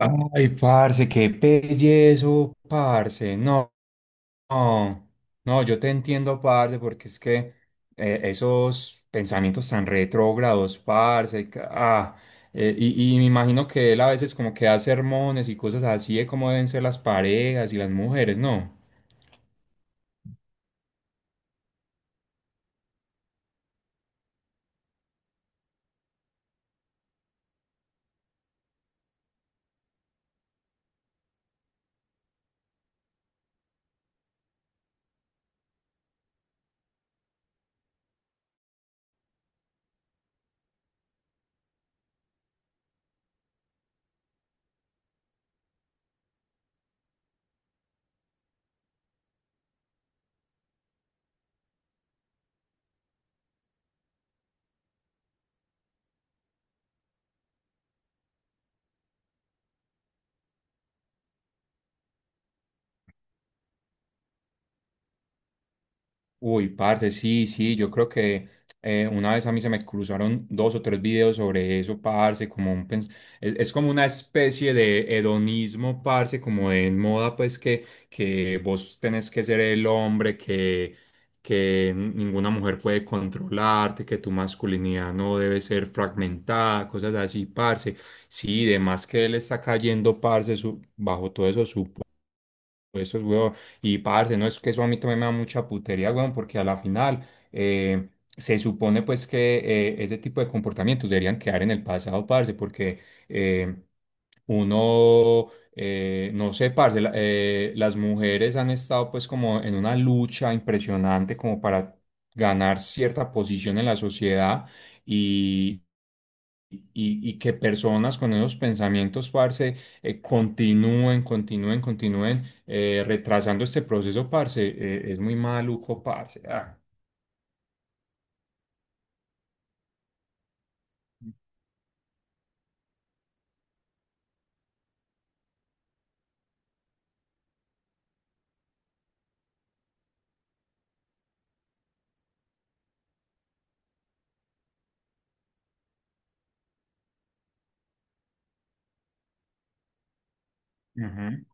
Ay, parce, qué pellezo, parce. No, no, no, yo te entiendo, parce, porque es que esos pensamientos tan retrógrados, parce, y me imagino que él a veces como que da sermones y cosas así de cómo deben ser las parejas y las mujeres, ¿no? Uy, parce, sí, sí, yo creo que una vez a mí se me cruzaron dos o tres videos sobre eso, parce, como un es como una especie de hedonismo, parce, como de moda, pues que vos tenés que ser el hombre, que ninguna mujer puede controlarte, que tu masculinidad no debe ser fragmentada, cosas así, parce. Sí, de más que él está cayendo, parce, bajo todo eso, eso es, weón. Y parce, no es que eso a mí también me da mucha putería, weón, porque a la final eh, se supone pues que ese tipo de comportamientos deberían quedar en el pasado, parce, porque eh, uno, no sé, parce, las mujeres han estado pues como en una lucha impresionante como para ganar cierta posición en la sociedad y, y que personas con esos pensamientos, parce, continúen retrasando este proceso, parce, es muy maluco, parce. Ah. Ujú.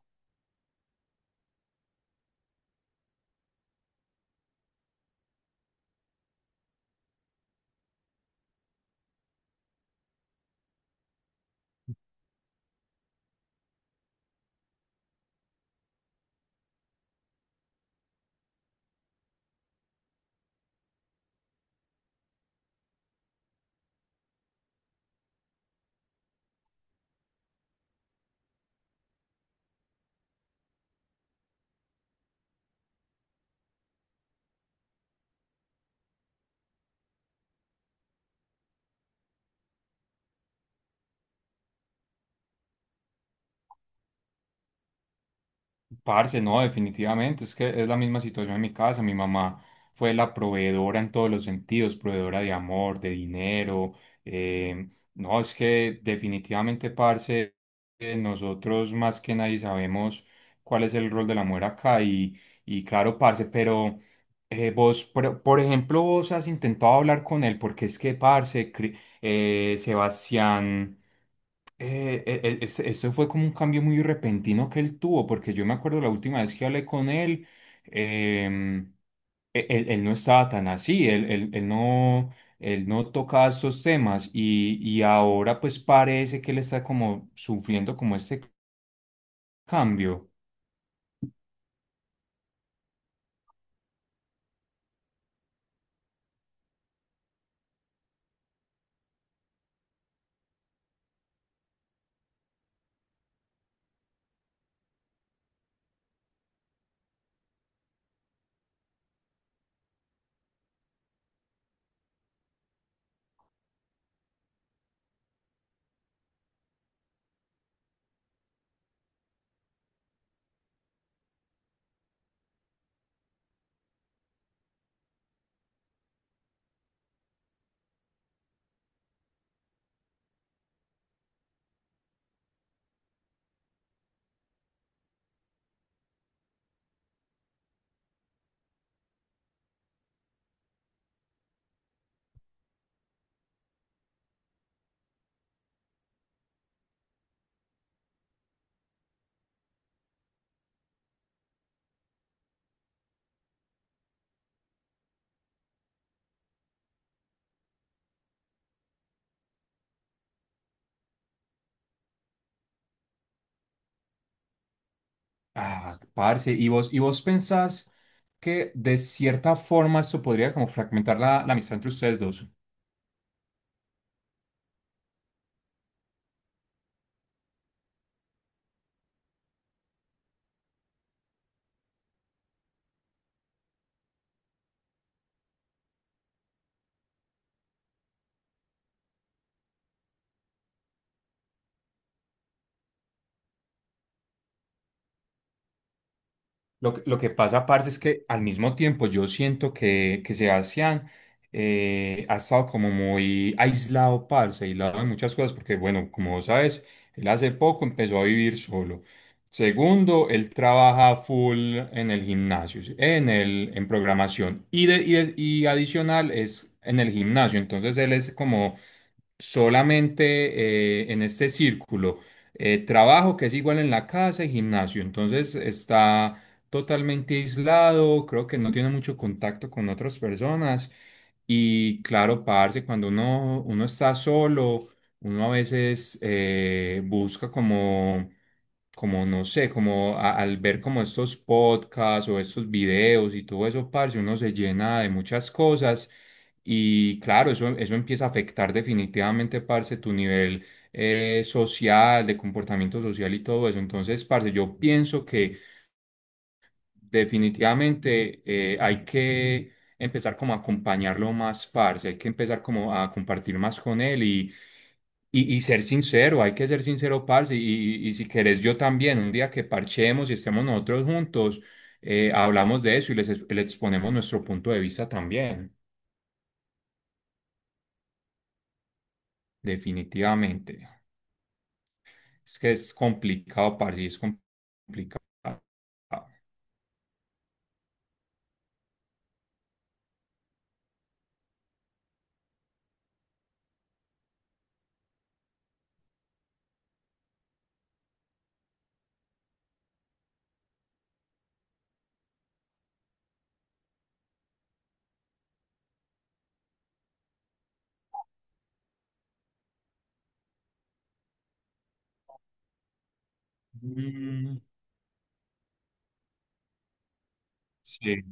Parce, no, definitivamente, es que es la misma situación en mi casa. Mi mamá fue la proveedora en todos los sentidos, proveedora de amor, de dinero. eh, no, es que definitivamente, parce, nosotros más que nadie sabemos cuál es el rol de la mujer acá. Y claro, parce, pero vos, por ejemplo, vos has intentado hablar con él, porque es que, parce, Sebastián. Eso fue como un cambio muy repentino que él tuvo, porque yo me acuerdo la última vez que hablé con él, em, él no estaba tan así, él no tocaba estos temas y ahora pues parece que él está como sufriendo como este cambio. Ah, parce, ¿ y vos pensás que de cierta forma esto podría como fragmentar la amistad entre ustedes dos? Lo que pasa, parce, es que al mismo tiempo yo siento que Sebastián ha estado como muy aislado, parce, aislado de muchas cosas, porque bueno, como vos sabes, él hace poco empezó a vivir solo. Segundo, él trabaja full en el gimnasio, ¿sí? En programación y adicional es en el gimnasio, entonces él es como solamente en este círculo. Trabajo que es igual en la casa y gimnasio, entonces está totalmente aislado, creo que no tiene mucho contacto con otras personas y claro, parce, cuando uno está solo, uno a veces busca como no sé, como al ver como estos podcasts o estos videos y todo eso, parce, uno se llena de muchas cosas. Y claro, eso empieza a afectar definitivamente, parce, tu nivel social, de comportamiento social y todo eso. Entonces, parce, yo pienso que definitivamente hay que empezar como a acompañarlo más, parce. Hay que empezar como a compartir más con él y ser sincero. Hay que ser sincero, parce. Y si querés, yo también, un día que parchemos y estemos nosotros juntos, hablamos de eso y les exponemos nuestro punto de vista también, definitivamente. Es que es complicado, parce, es complicado. Mm, sí,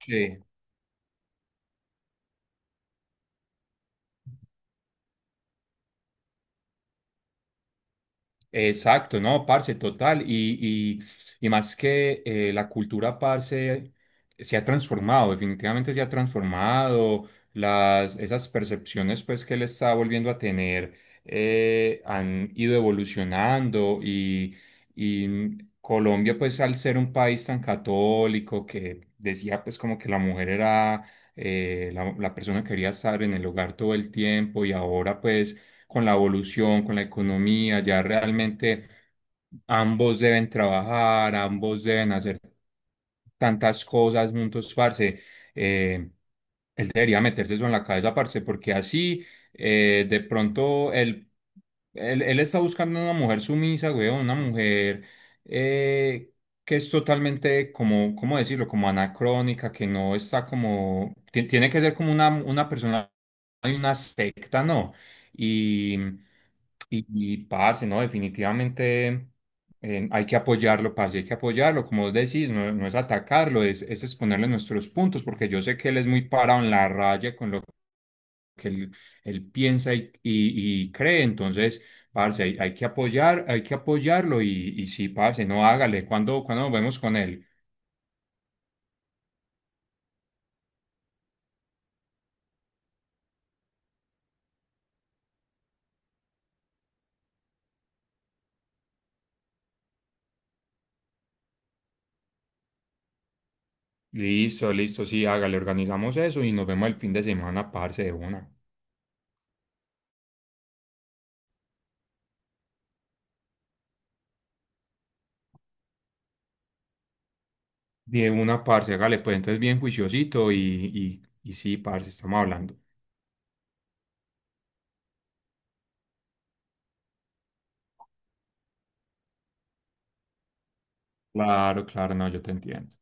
sí. Exacto, no, parce, total. Y más que la cultura, parce, se ha transformado, definitivamente se ha transformado. Las, esas percepciones, pues, que él está volviendo a tener han ido evolucionando. Y Colombia, pues, al ser un país tan católico que decía, pues, como que la mujer era la persona que quería estar en el hogar todo el tiempo y ahora, pues, con la evolución, con la economía, ya realmente ambos deben trabajar, ambos deben hacer tantas cosas juntos, parce. Eh, Él debería meterse eso en la cabeza, parce, porque así de pronto él, él, él está buscando una mujer sumisa, güey, una mujer eh, que es totalmente como, ¿cómo decirlo? Como anacrónica, que no está como, tiene que ser como una persona de una secta, ¿no? Y, y, y parce, ¿no? Definitivamente hay que apoyarlo, parce. Hay que apoyarlo, como vos decís, no es atacarlo, es exponerle nuestros puntos, porque yo sé que él es muy parado en la raya con lo que él piensa y cree, entonces, parce, hay que apoyar, hay que apoyarlo, y sí, parce, no hágale, cuando nos vemos con él? Listo, listo, sí, hágale, organizamos eso y nos vemos el fin de semana, parce, de una. De una, parce, hágale, pues entonces bien juiciosito y sí, parce, estamos hablando. Claro, claro, no, yo te entiendo.